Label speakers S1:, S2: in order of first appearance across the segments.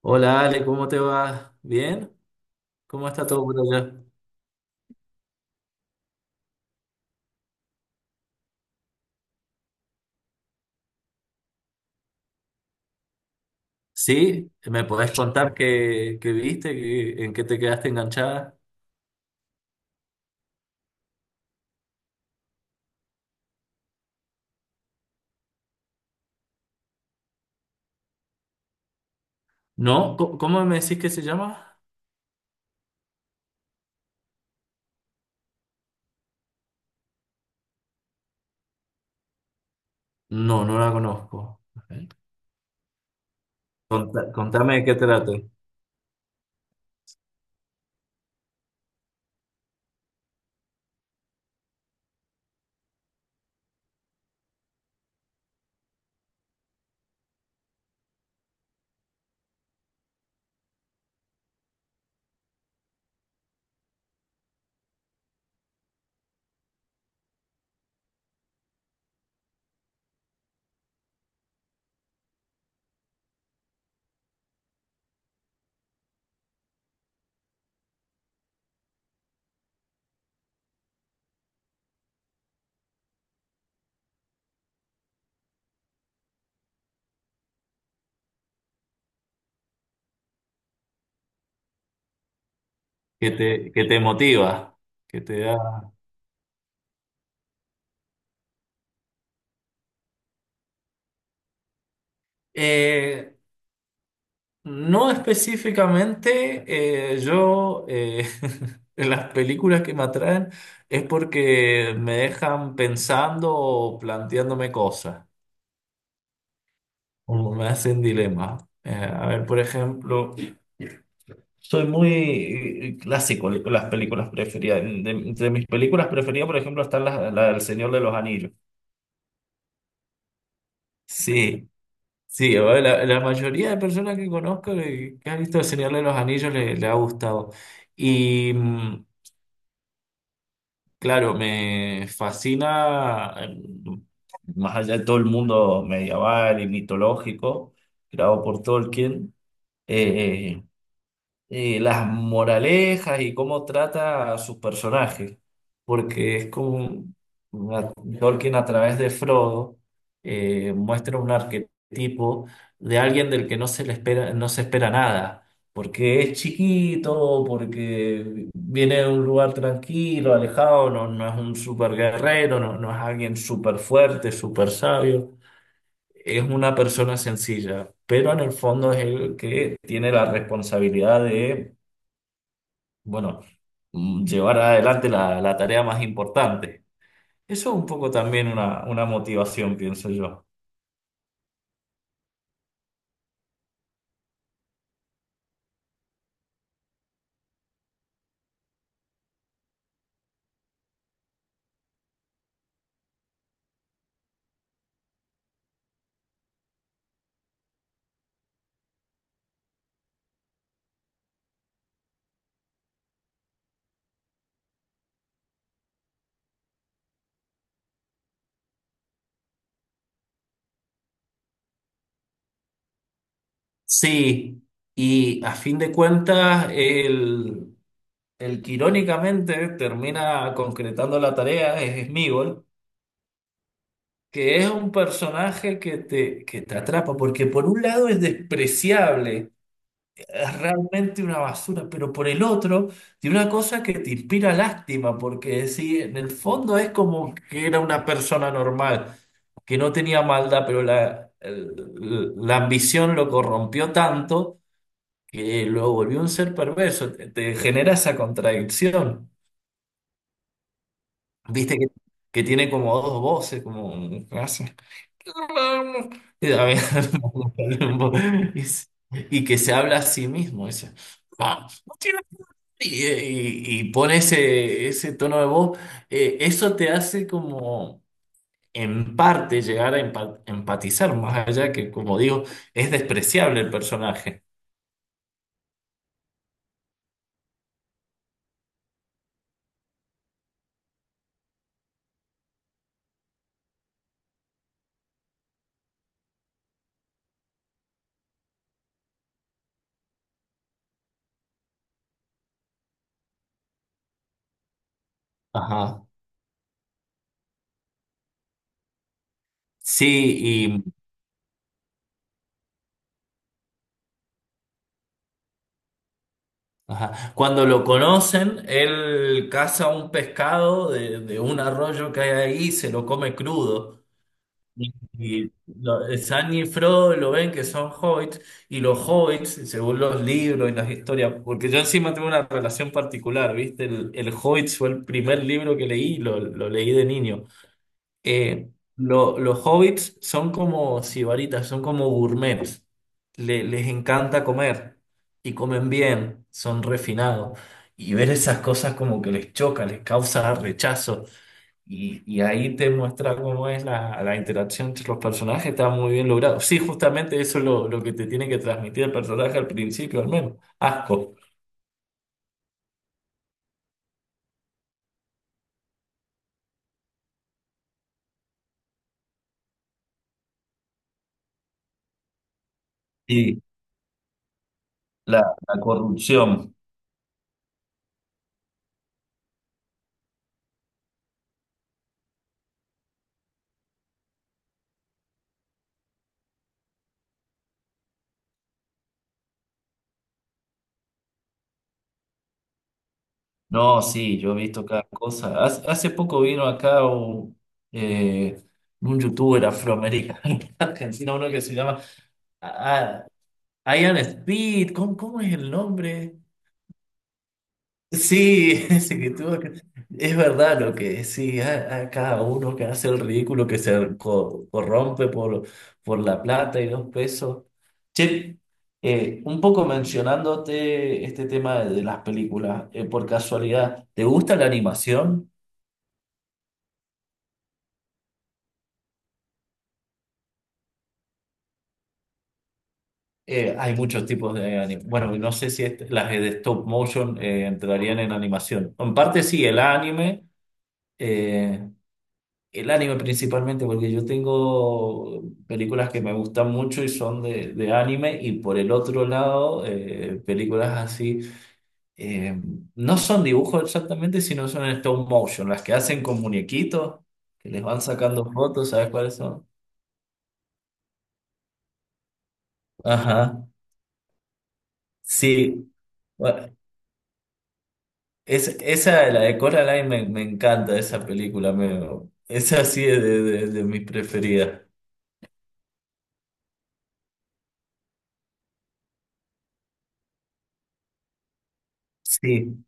S1: Hola Ale, ¿cómo te va? ¿Bien? ¿Cómo está todo por allá? ¿Sí? ¿Me podés contar qué viste? ¿En qué te quedaste enganchada? ¿No? ¿Cómo me decís que se llama? No, no la conozco. Ok. Contame de qué trata. ¿Qué te motiva? ¿Qué te da? Eh, no específicamente, yo en las películas que me atraen es porque me dejan pensando o planteándome cosas. Como me hacen dilema. A ver, por ejemplo, soy muy clásico con las películas preferidas. Entre mis películas preferidas, por ejemplo, están la del Señor de los Anillos. Sí, sí, a ver, la mayoría de personas que conozco que han visto El Señor de los Anillos le ha gustado. Y mm, claro, me fascina, más allá de todo el mundo medieval y mitológico, creado por Tolkien, y las moralejas y cómo trata a sus personajes, porque es como una- Tolkien a través de Frodo muestra un arquetipo de alguien del que no se le espera, no se espera nada. Porque es chiquito, porque viene de un lugar tranquilo, alejado, no, no es un super guerrero, no, no es alguien súper fuerte, súper sabio. Es una persona sencilla, pero en el fondo es el que tiene la responsabilidad de bueno, llevar adelante la tarea más importante. Eso es un poco también una motivación, pienso yo. Sí, y a fin de cuentas, el que irónicamente termina concretando la tarea es Smigol, que es un personaje que te atrapa, porque por un lado es despreciable, es realmente una basura, pero por el otro, tiene una cosa que te inspira lástima, porque sí, en el fondo es como que era una persona normal, que no tenía maldad, pero la ambición lo corrompió tanto que lo volvió un ser perverso. Te genera esa contradicción, viste que tiene como dos voces, como... Y, a mí- y y que se habla a sí mismo, dice, "Vamos". Y pone ese tono de voz, eso te hace como en parte llegar a empatizar, más allá que, como digo, es despreciable el personaje. Ajá. Sí, y ajá. Cuando lo conocen, él caza un pescado de un arroyo que hay ahí y se lo come crudo. Y lo- Sam y Frodo lo ven que son hobbits, y los hobbits, según los libros y las historias, porque yo encima tengo una relación particular, ¿viste? El Hobbit fue el primer libro que leí, lo leí de niño. Eh, los hobbits son como sibaritas, son como gourmets. Les encanta comer y comen bien, son refinados. Y ver esas cosas como que les choca, les causa rechazo. Y ahí te muestra cómo es la interacción entre los personajes, está muy bien logrado. Sí, justamente eso es lo que te tiene que transmitir el personaje al principio, al menos. Asco. Sí, la, la corrupción. No, sí, yo he visto cada cosa. Hace poco vino acá eh, un youtuber afroamericano, argentino, uno que se llama ah, Ian Speed. ¿Cómo es el nombre? Sí, es que tuvo, es verdad lo que sí, a cada uno que hace el ridículo, que se corrompe por la plata y los pesos. Che, un poco mencionándote este tema de las películas, por casualidad, ¿te gusta la animación? Hay muchos tipos de animación. Bueno, no sé si las de stop motion entrarían en animación. En parte sí, el anime. eh, El anime principalmente, porque yo tengo películas que me gustan mucho y son de anime, y por el otro lado, películas así, eh, no son dibujos exactamente, sino son en stop motion, las que hacen con muñequitos, que les van sacando fotos, ¿sabes cuáles son? Ajá, sí. Bueno, esa, la de Coraline, me encanta esa película, me, esa sí es de mis preferidas. Sí,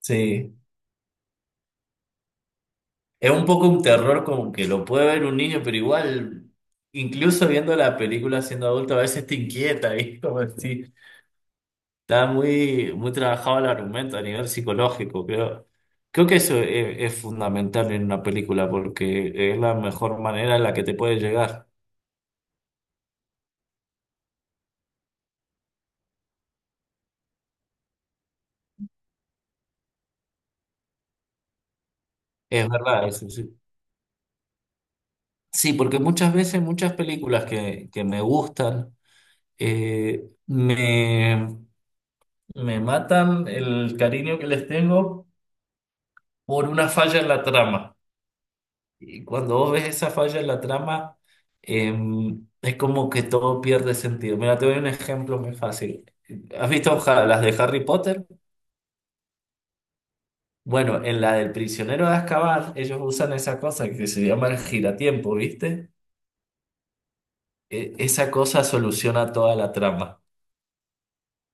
S1: sí. Es un poco un terror como que lo puede ver un niño, pero igual, incluso viendo la película siendo adulto, a veces te inquieta, y como si está muy, muy trabajado el argumento a nivel psicológico, creo. Creo que eso es fundamental en una película porque es la mejor manera en la que te puede llegar. Es verdad, eso sí. Sí, porque muchas veces, muchas películas que me gustan, eh, me, me matan el cariño que les tengo por una falla en la trama. Y cuando vos ves esa falla en la trama, es como que todo pierde sentido. Mira, te doy un ejemplo muy fácil. ¿Has visto las de Harry Potter? Bueno, en la del prisionero de Azkaban, ellos usan esa cosa que se llama el giratiempo, ¿viste? Esa cosa soluciona toda la trama.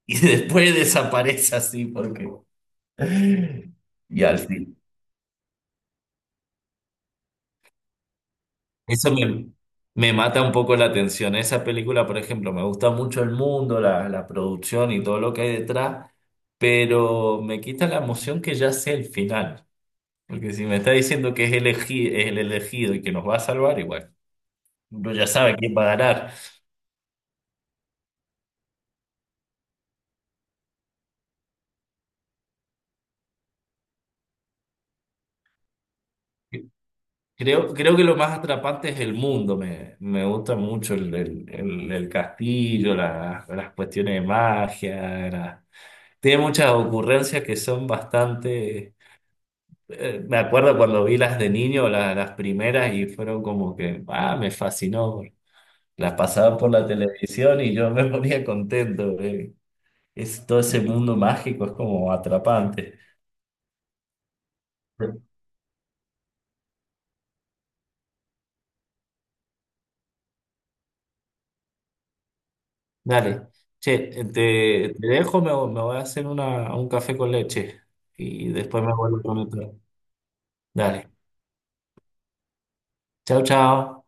S1: Y después desaparece así porque... Y al fin. Eso me, me mata un poco la atención. Esa película, por ejemplo, me gusta mucho el mundo, la producción y todo lo que hay detrás, pero me quita la emoción que ya sé el final. Porque si me está diciendo que es es el elegido y que nos va a salvar, igual, uno ya sabe quién va a ganar. Creo que lo más atrapante es el mundo. Me gusta mucho el castillo, las cuestiones de magia. Tiene muchas ocurrencias que son bastante me acuerdo cuando vi las de niño, las primeras, y fueron como que, ah, me fascinó. Las pasaban por la televisión y yo me ponía contento. Es, todo ese mundo mágico es como atrapante. Dale, che, te dejo, me voy a hacer un café con leche y después me vuelvo a conectar. Dale, chao, chao.